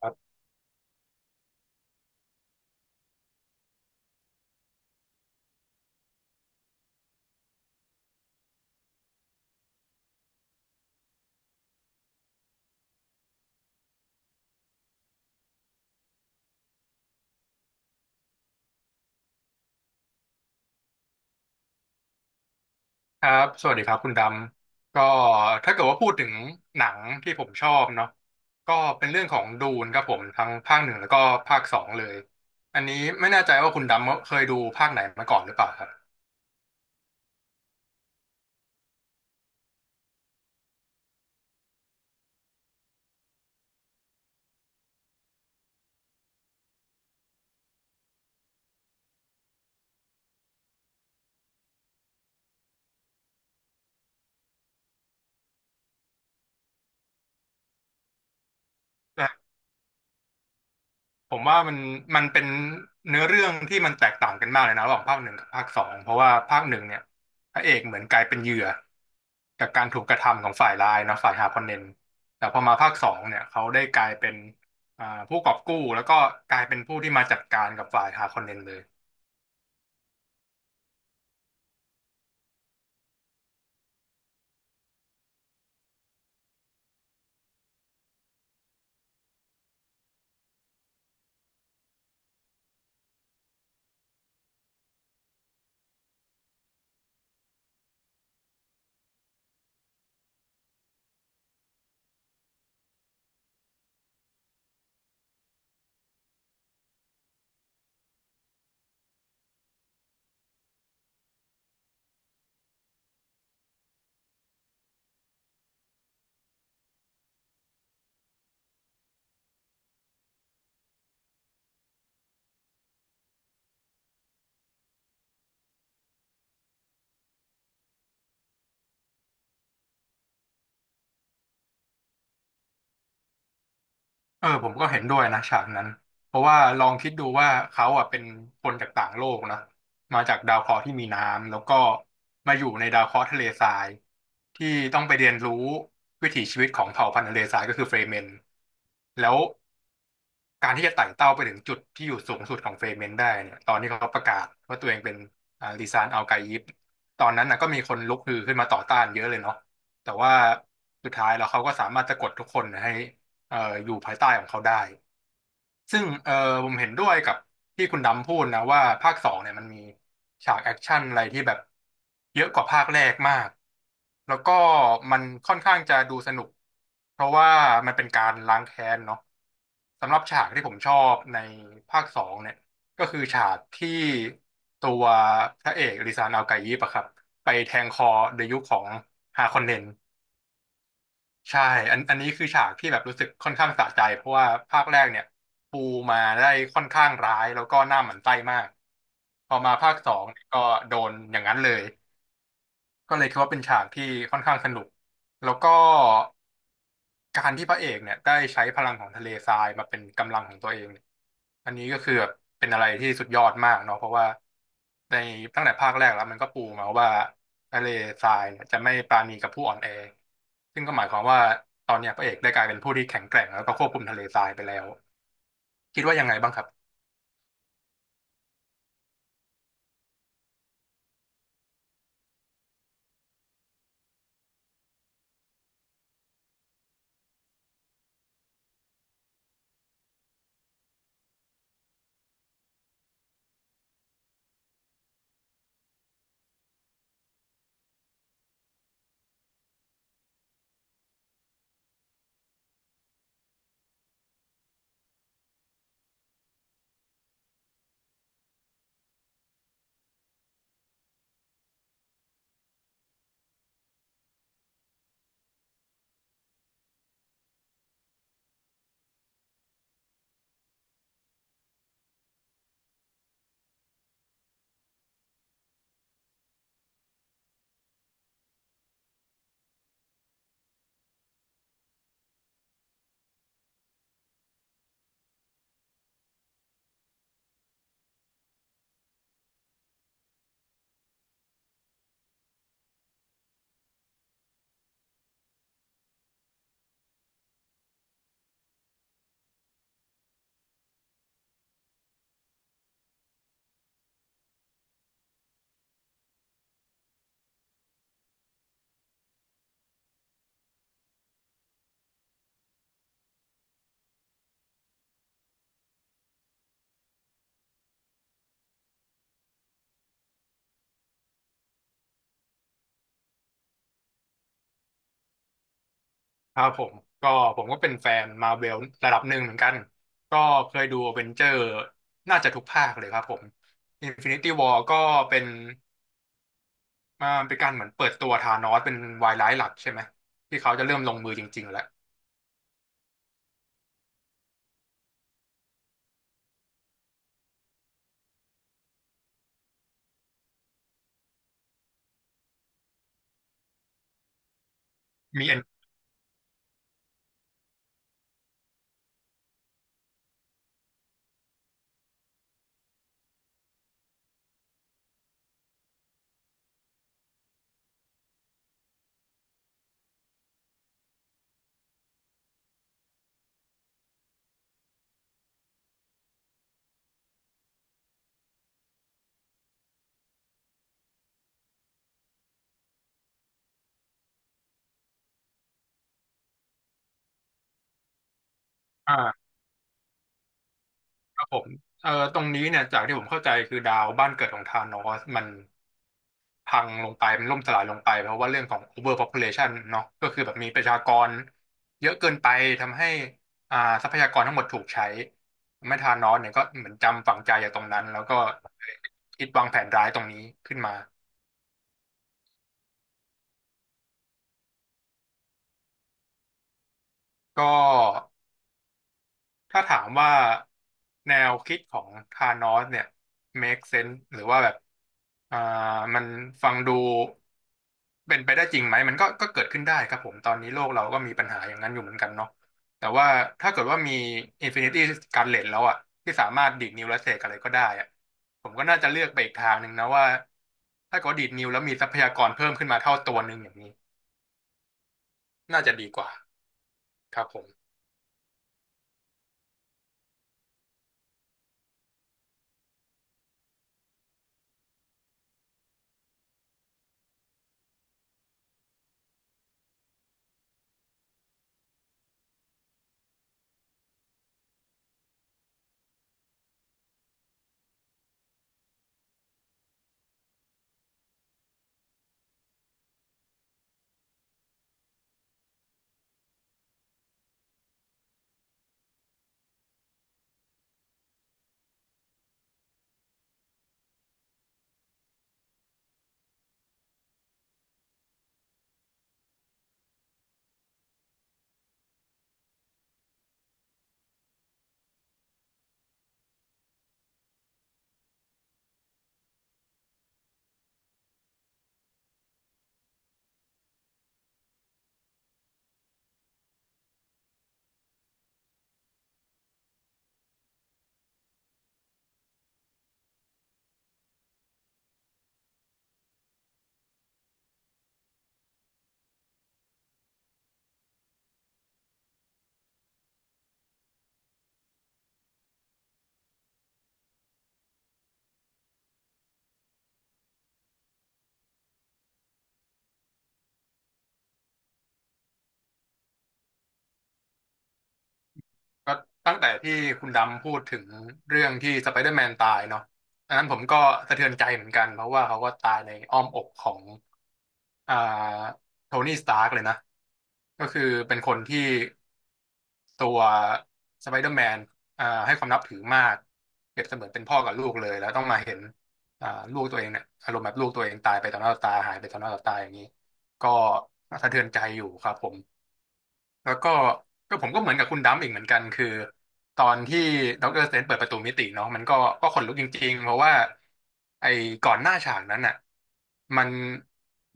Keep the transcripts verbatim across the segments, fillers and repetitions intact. ครับ สวัสดีครับคุณดำก็ถ้าเกิดว่าพูดถึงหนังที่ผมชอบเนาะก็เป็นเรื่องของดูนครับผมทั้งภาคหนึ่งแล้วก็ภาคสองเลย อันนี้ไม่แน่ใจว่าคุณดำเคยดูภาคไหนมาก่อนหรือเปล่าครับ ผมว่ามันมันเป็นเนื้อเรื่องที่มันแตกต่างกันมากเลยนะระหว่างภาคหนึ่งกับภาคสองเพราะว่าภาคหนึ่งเนี่ยพระเอกเหมือนกลายเป็นเหยื่อจากการถูกกระทำของฝ่ายร้ายนะฝ่ายฮาร์คอนเนนแต่พอมาภาคสองเนี่ยเขาได้กลายเป็นอ่าผู้กอบกู้แล้วก็กลายเป็นผู้ที่มาจัดการกับฝ่ายฮาร์คอนเนนเลย เออผมก็เห็นด้วยนะฉากนั้นเพราะว่าลองคิดดูว่าเขาอ่ะเป็นคนจากต่างโลกนะมาจากดาวเคราะห์ที่มีน้ำแล้วก็มาอยู่ในดาวเคราะห์ทะเลทรายที่ต้องไปเรียนรู้วิถีชีวิตของเผ่าพันธุ์ทะเลทรายก็คือเฟรเมนแล้วการที่จะไต่เต้าไปถึงจุดที่อยู่สูงสุดของเฟรเมนได้เนี่ยตอนที่เขาประกาศว่าตัวเองเป็นอ่าลีซานอัลไกยิปตอนนั้นนะก็มีคนลุกฮือขึ้นมาต่อต้านเยอะเลยเนาะแต่ว่าสุดท้ายแล้วเขาก็สามารถจะกดทุกคนให้เอ่ออยู่ภายใต้ของเขาได้ ซึ่งเออผมเห็นด้วยกับที่คุณดำพูดนะว่าภาคสองเนี่ยมันมีฉากแอคชั่นอะไรที่แบบเยอะกว่าภาคแรกมากแล้วก็มันค่อนข้างจะดูสนุกเพราะว่ามันเป็นการล้างแค้นเนาะสำหรับฉากที่ผมชอบในภาคสองเนี่ยก็คือฉากที่ตัวพระเอกริซานอัลไกยิปอะครับไปแทงคอเดยุคของฮาคอนเนน ใช่อันอันนี้คือฉากที่แบบรู้สึกค่อนข้างสะใจเพราะว่าภาคแรกเนี่ยปูมาได้ค่อนข้างร้ายแล้วก็หน้าหมั่นไส้มากพอมาภาคสองเนี่ยก็โดนอย่างนั้นเลยก็เลยคิดว่าเป็นฉากที่ค่อนข้างสนุกแล้วก็ การที่พระเอกเนี่ยได้ใช้พลังของทะเลทรายมาเป็นกำลังของตัวเองเนี่ยอันนี้ก็คือแบบเป็นอะไรที่สุดยอดมากเนาะเพราะว่าในตั้งแต่ภาคแรกแล้วมันก็ปูมาว่าทะเลทรายเนี่ยจะไม่ปราณีกับผู้อ่อนแอซึ่งก็หมายความว่าตอนเนี้ยพระเอกได้กลายเป็นผู้ที่แข็งแกร่งแล้วก็ควบคุมทะเลทรายไปแล้วคิดว่ายังไงบ้างครับครับผมก็ผมก็เป็นแฟนมาเวลระดับหนึ่งเหมือนกันก็เคยดูอเวนเจอร์น่าจะทุกภาคเลยครับผม Infinity War ก็เป็น อ่ามันเป็นการเหมือนเปิดตัวธานอสเป็นวายร้ายหลักใช่ไหมที่เขาจะเริ่มลงมือจริงๆแล้วมีเอ็นอ่าครับผมเอ่อตรงนี้เนี่ยจากที่ผมเข้าใจคือดาวบ้านเกิดของธานอสมันพังลงไปมันล่มสลายลงไปเพราะว่าเรื่องของ overpopulation เนาะก็คือแบบมีประชากรเยอะเกินไปทำให้อ่าทรัพยากรทั้งหมดถูกใช้ทำให้ธานอสเนี่ยก็เหมือนจำฝังใจจากตรงนั้นแล้วก็คิดวางแผนร้ายตรงนี้ขึ้นมาก็ ถ้าถามว่าแนวคิดของธานอสเนี่ย make sense หรือว่าแบบอ่ามันฟังดูเป็นไปได้จริงไหมมันก็ก็เกิดขึ้นได้ครับผมตอนนี้โลกเราก็มีปัญหาอย่างนั้นอยู่เหมือนกันเนาะแต่ว่าถ้าเกิดว่ามี Infinity Gauntlet แล้วอะที่สามารถดีดนิ้วและเสกอะไรก็ได้อะผมก็น่าจะเลือกไปอีกทางหนึ่งนะว่าถ้าเกิดว่าดีดนิ้วแล้วมีทรัพยากรเพิ่มขึ้นมาเท่าตัวหนึ่งอย่างนี้น่าจะดีกว่าครับผม ก็ตั้งแต่ที่คุณดำพูดถึงเรื่องที่สไปเดอร์แมนตายเนาะอันนั้นผมก็สะเทือนใจเหมือนกันเพราะว่าเขาก็ตายในอ้อมอกของอ่าโทนี่สตาร์กเลยนะก็คือเป็นคนที่ตัวสไปเดอร์แมนอ่าให้ความนับถือมากเปรียบเสมือนเป็นพ่อกับลูกเลยแล้วต้องมาเห็นอ่าลูกตัวเองเนี่ยอารมณ์แบบลูกตัวเองตายไปต่อหน้าต่อตาหายไปต่อหน้าต่อตาอย่างนี้ก็สะเทือนใจอยู่ครับผม แล้วก็ก็ผมก็เหมือนกับคุณดัมอีกเหมือนกันคือตอนที่ดอกเตอรสเตนเปิดประตูมิติเนาะมันก็ก็ขนลุกจริงๆเพราะว่าไอ้ก่อนหน้าฉากนั้นอ่ะมัน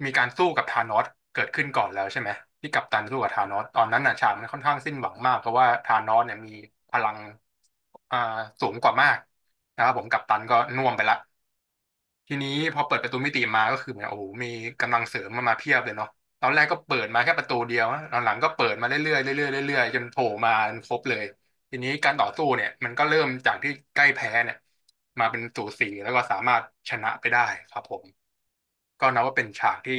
มีการสู้กับธานอสเกิดขึ้นก่อนแล้วใช่ไหมที่กัปตันสู้กับธานอสตอนนั้นน่ะฉากมันค่อนข้างสิ้นหวังมากเพราะว่าธานอสเนี่ยมีพลังอ่าสูงกว่ามากนะครับผมกัปตันก็น่วมไปละ ทีนี้พอเปิดประตูมิติมาก็คือเหมือนโอ้โหมีกำลังเสริมมามาเพียบเลยเนาะตอนแรกก็เปิดมาแค่ประตูเดียวนะตอนหลังก็เปิดมาเรื่อยๆเรื่อยๆเรื่อยๆจนโผล่มาครบเลยทีนี้การต่อสู้เนี่ยมันก็เริ่มจากที่ใกล้แพ้เนี่ยมาเป็นสูสีแล้วก็สามารถชนะไปได้ครับผมก็นับว่าเป็นฉากที่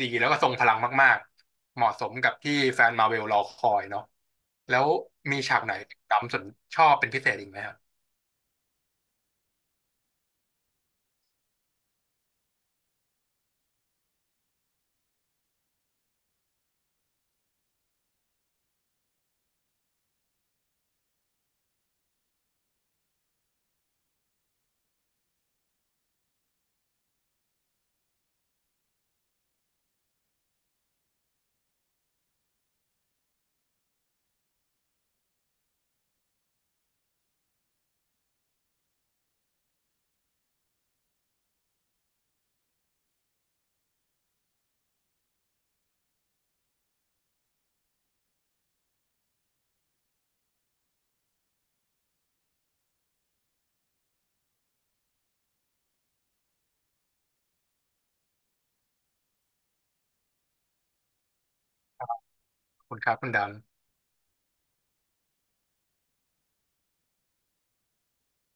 ดีแล้วก็ทรงพลังมากๆเหมาะสมกับที่แฟนมาเวลรอคอยเนาะแล้วมีฉากไหนดำสนชอบเป็นพิเศษอีกไหมครับคุณครับคุณดำ